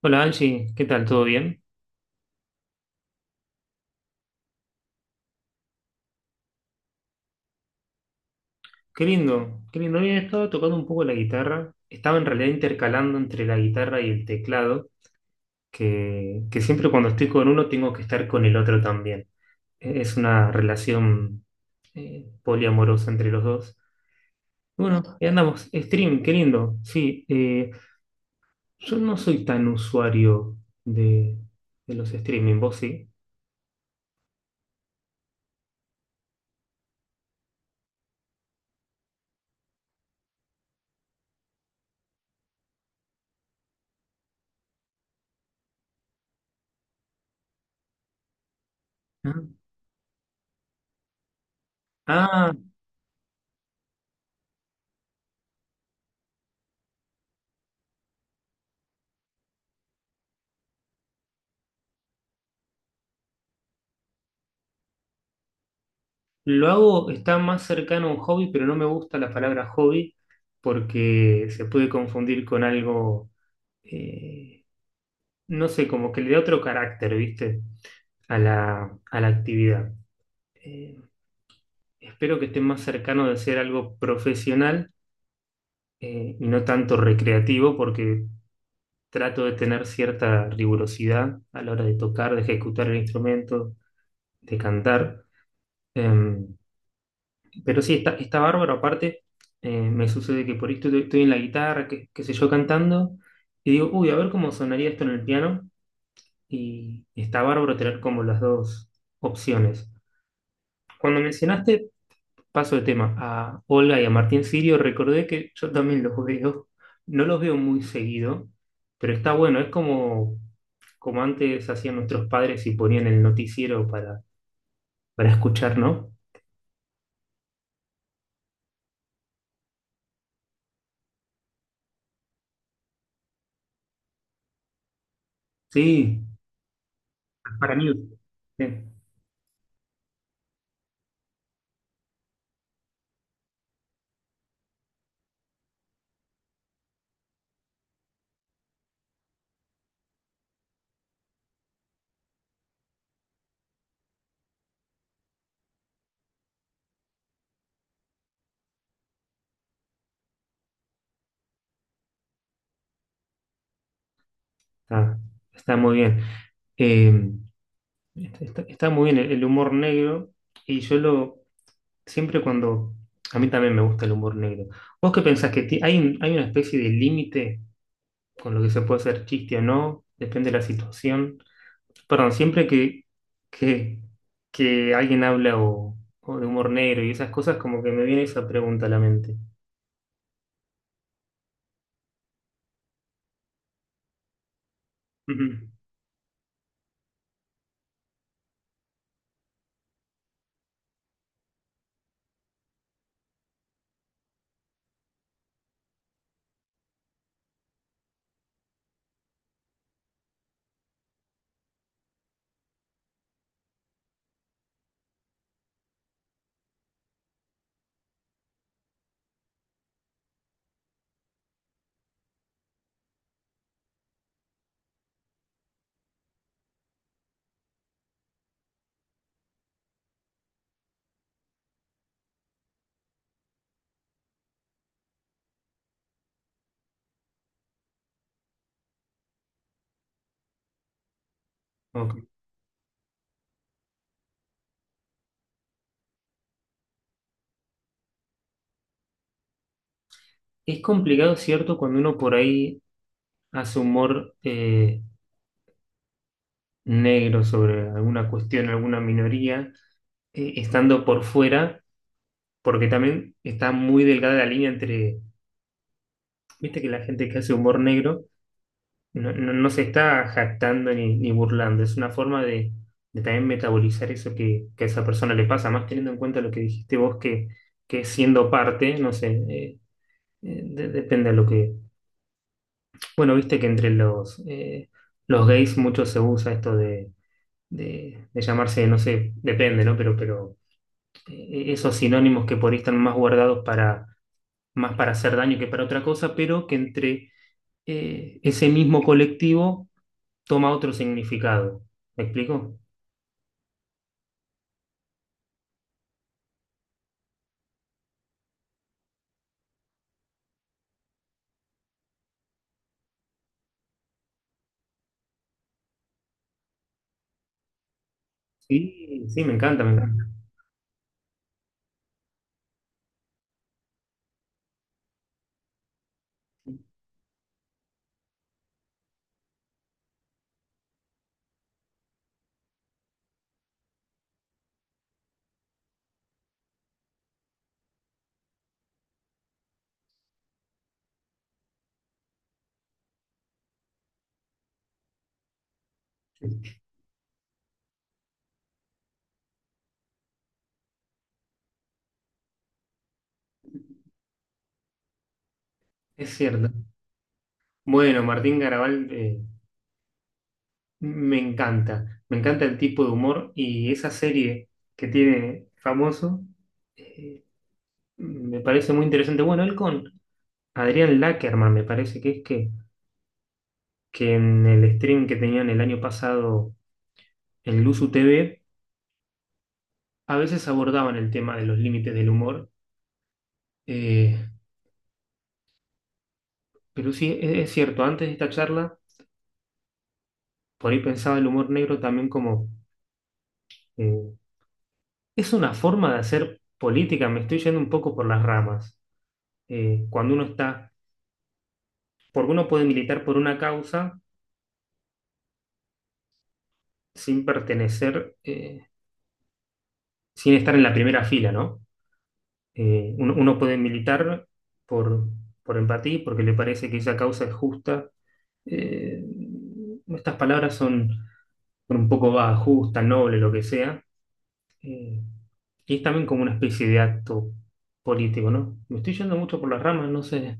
Hola Angie, ¿qué tal? ¿Todo bien? Qué lindo, qué lindo. Hoy he estado tocando un poco la guitarra. Estaba en realidad intercalando entre la guitarra y el teclado, que siempre cuando estoy con uno tengo que estar con el otro también. Es una relación poliamorosa entre los dos. Bueno, ahí andamos. Stream, qué lindo. Sí, yo no soy tan usuario de, de los streaming, ¿vos sí? Ah. Lo hago, está más cercano a un hobby, pero no me gusta la palabra hobby porque se puede confundir con algo, eh, no sé, como que le da otro carácter, ¿viste? A la actividad. Eh, espero que esté más cercano de ser algo profesional, y no tanto recreativo porque trato de tener cierta rigurosidad a la hora de tocar, de ejecutar el instrumento, de cantar. Eh, Pero sí, está bárbaro. Aparte, me sucede que por ahí estoy en la guitarra, qué sé yo, cantando, y digo, uy, a ver cómo sonaría esto en el piano. Y está bárbaro tener como las dos opciones. Cuando mencionaste, paso de tema, a Olga y a Martín Sirio, recordé que yo también los veo. No los veo muy seguido, pero está bueno. Es como, como antes hacían nuestros padres y ponían el noticiero para escuchar, ¿no? Sí, para mí. Sí. Está, está muy bien. Eh, está, está muy bien el humor negro y yo lo siempre cuando a mí también me gusta el humor negro. ¿Vos qué pensás que hay, hay una especie de límite con lo que se puede hacer chiste o no? Depende de la situación. Perdón, que, que alguien habla o de humor negro y esas cosas, como que me viene esa pregunta a la mente. Ujú. Ok. Es complicado, ¿cierto? Cuando uno por ahí hace humor, negro sobre alguna cuestión, alguna minoría, estando por fuera, porque también está muy delgada la línea entre, viste que la gente que hace humor negro no se está jactando ni burlando, es una forma de también metabolizar eso que a esa persona le pasa, más teniendo en cuenta lo que dijiste vos, que siendo parte, no sé, depende de lo que, bueno, viste que entre los gays mucho se usa esto de de llamarse, no sé, depende, ¿no? Pero esos sinónimos que por ahí están más guardados para, más para hacer daño que para otra cosa, pero que entre ese mismo colectivo toma otro significado. ¿Me explico? Sí, sí, me encanta, me encanta. Es cierto. Bueno, Martín Garabal, me encanta. Me encanta el tipo de humor y esa serie que tiene famoso, eh, me parece muy interesante. Bueno, él con Adrián Lackerman, me parece que en el stream que tenían el año pasado en Luzu TV, a veces abordaban el tema de los límites del humor. eh, pero sí, es cierto, antes de esta charla, por ahí pensaba el humor negro también como, eh, es una forma de hacer política, me estoy yendo un poco por las ramas. Cuando uno está, porque uno puede militar por una causa sin pertenecer, sin estar en la primera fila, ¿no? Uno puede militar por, por empatía, porque le parece que esa causa es justa. Eh, estas palabras son, bueno, un poco va justa, noble, lo que sea. Eh, y es también como una especie de acto político, ¿no? Me estoy yendo mucho por las ramas, no sé.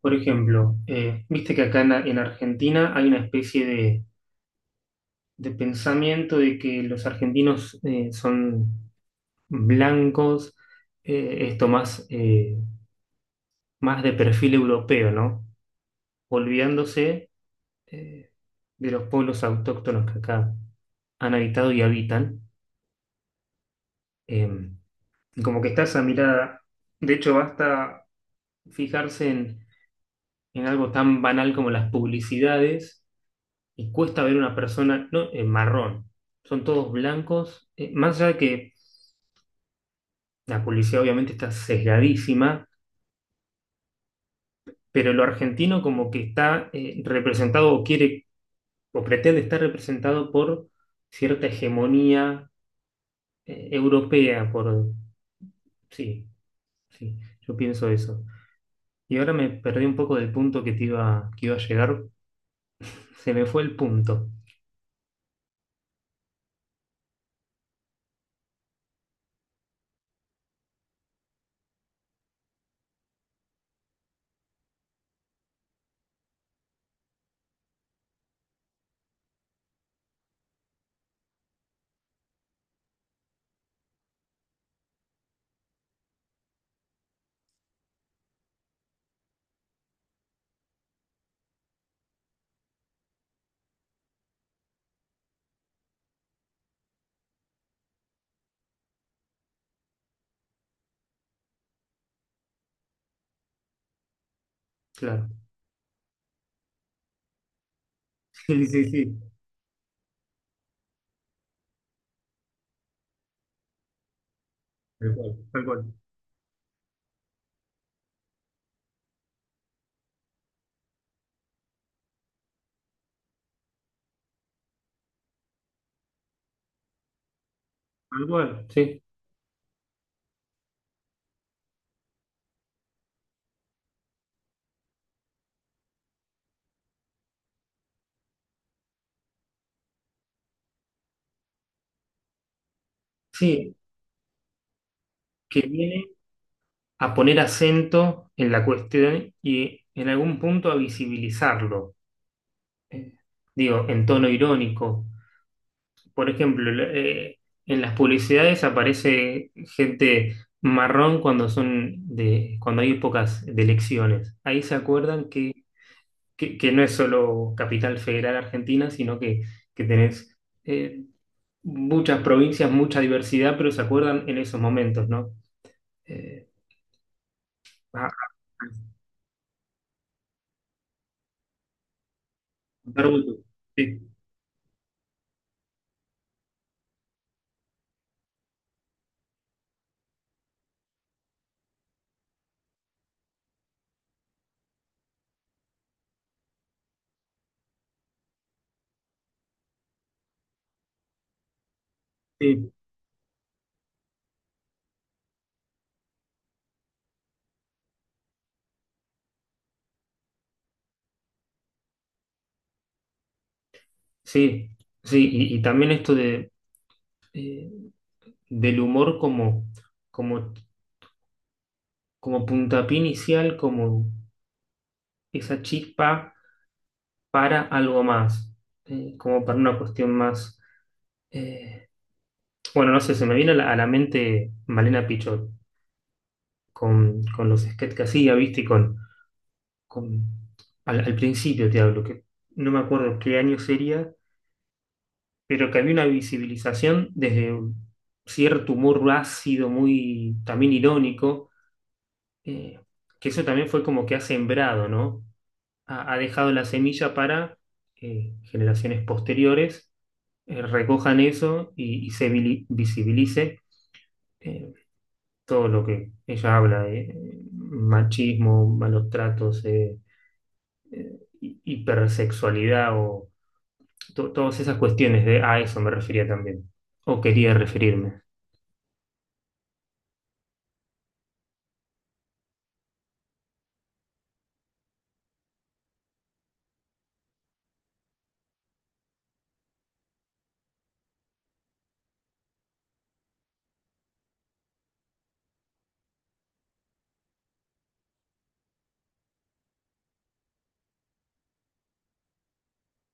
Por ejemplo, viste que acá en Argentina hay una especie de pensamiento de que los argentinos son blancos, esto más, más de perfil europeo, ¿no? Olvidándose eh, de los pueblos autóctonos que acá han habitado y habitan. em, Como que está esa mirada. De hecho, basta fijarse en algo tan banal como las publicidades y cuesta ver una persona no, en marrón. Son todos blancos. Más allá de que la publicidad obviamente está sesgadísima, pero lo argentino como que está representado o quiere o pretende estar representado por cierta hegemonía europea, por... Sí, sí, yo pienso eso. Y ahora me perdí un poco del punto que iba a llegar. Se me fue el punto, claro. Sí, sí, sí, tal cual, tal cual, tal cual, sí. Sí, que viene a poner acento en la cuestión y en algún punto a visibilizarlo. Eh, digo, en tono irónico. Por ejemplo, en las publicidades aparece gente marrón cuando son de, cuando hay épocas de elecciones. Ahí se acuerdan que no es solo Capital Federal Argentina, que tenés eh, muchas provincias, mucha diversidad, pero se acuerdan en esos momentos, ¿no? Eh, a- Dar gusto. Sí, sí, sí, sí, y también esto de, eh, del humor como, como, como puntapié inicial, como esa chispa para algo más, como para una cuestión más... eh, bueno, no sé, se me viene a la mente Malena Pichot, con los sketches que hacía, ¿viste? Y con, al principio te hablo, que no me acuerdo qué año sería, pero que había una visibilización desde un cierto humor ácido, muy también irónico, eh, que eso también fue como que ha sembrado, ¿no? Ha dejado la semilla para generaciones posteriores recojan eso y se visibilice eh, todo lo que ella habla de machismo, malos tratos, hipersexualidad o todas esas cuestiones de a eso me refería también, o quería referirme.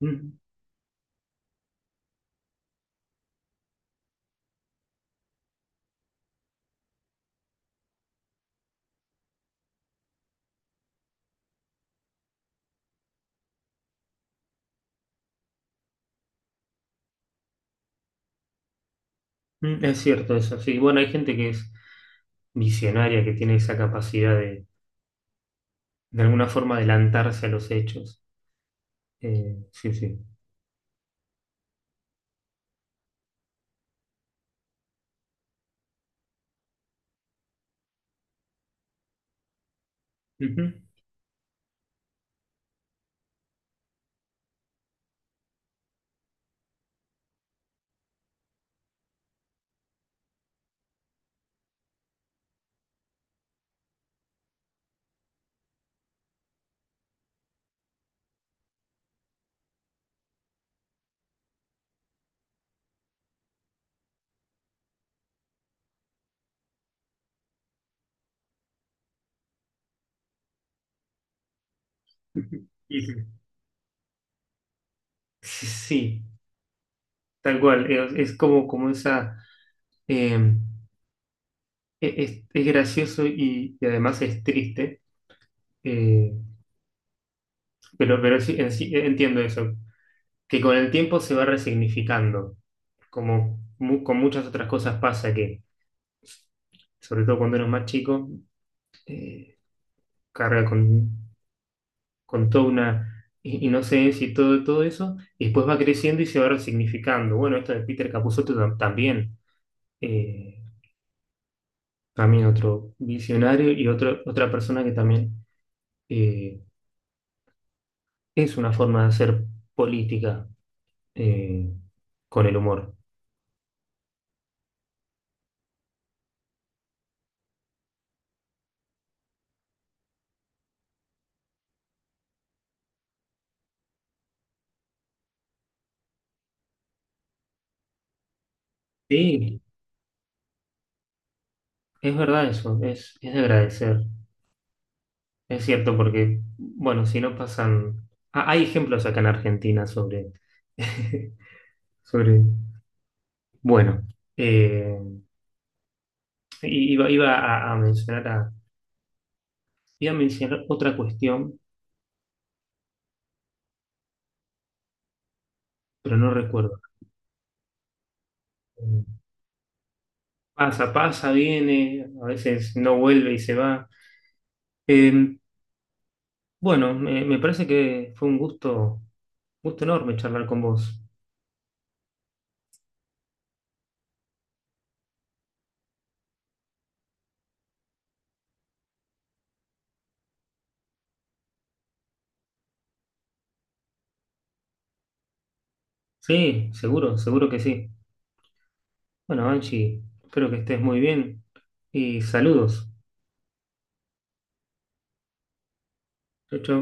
Mm, mm, es cierto eso, sí. Bueno, hay gente que es visionaria, que tiene esa capacidad de alguna forma, adelantarse a los hechos. Sí, sí. Ujú, ujú. Sí, sí. Sí, tal cual. Es como, como esa... eh, es gracioso y además es triste, eh, pero sí, en sí, entiendo eso, que con el tiempo se va resignificando, como con muchas otras cosas pasa que, sobre todo cuando uno es más chico, eh, carga con toda una inocencia y todo, todo eso, y después va creciendo y se va resignificando. Bueno, esto de Peter Capusotto también, eh, también otro visionario y otro, otra persona que también eh, es una forma de hacer política eh, con el humor. Sí, es verdad eso, es de agradecer. Es cierto, porque, bueno, si no pasan. Ah, hay ejemplos acá en Argentina sobre. Sobre. Bueno, eh, iba a, mencionar iba a mencionar otra cuestión, pero no recuerdo. Pasa, pasa, viene, a veces no vuelve y se va. Eh, bueno, me parece que fue un gusto, gusto enorme charlar con vos. Sí, seguro, seguro que sí. Bueno, Angie, espero que estés muy bien y saludos. Chau, chau.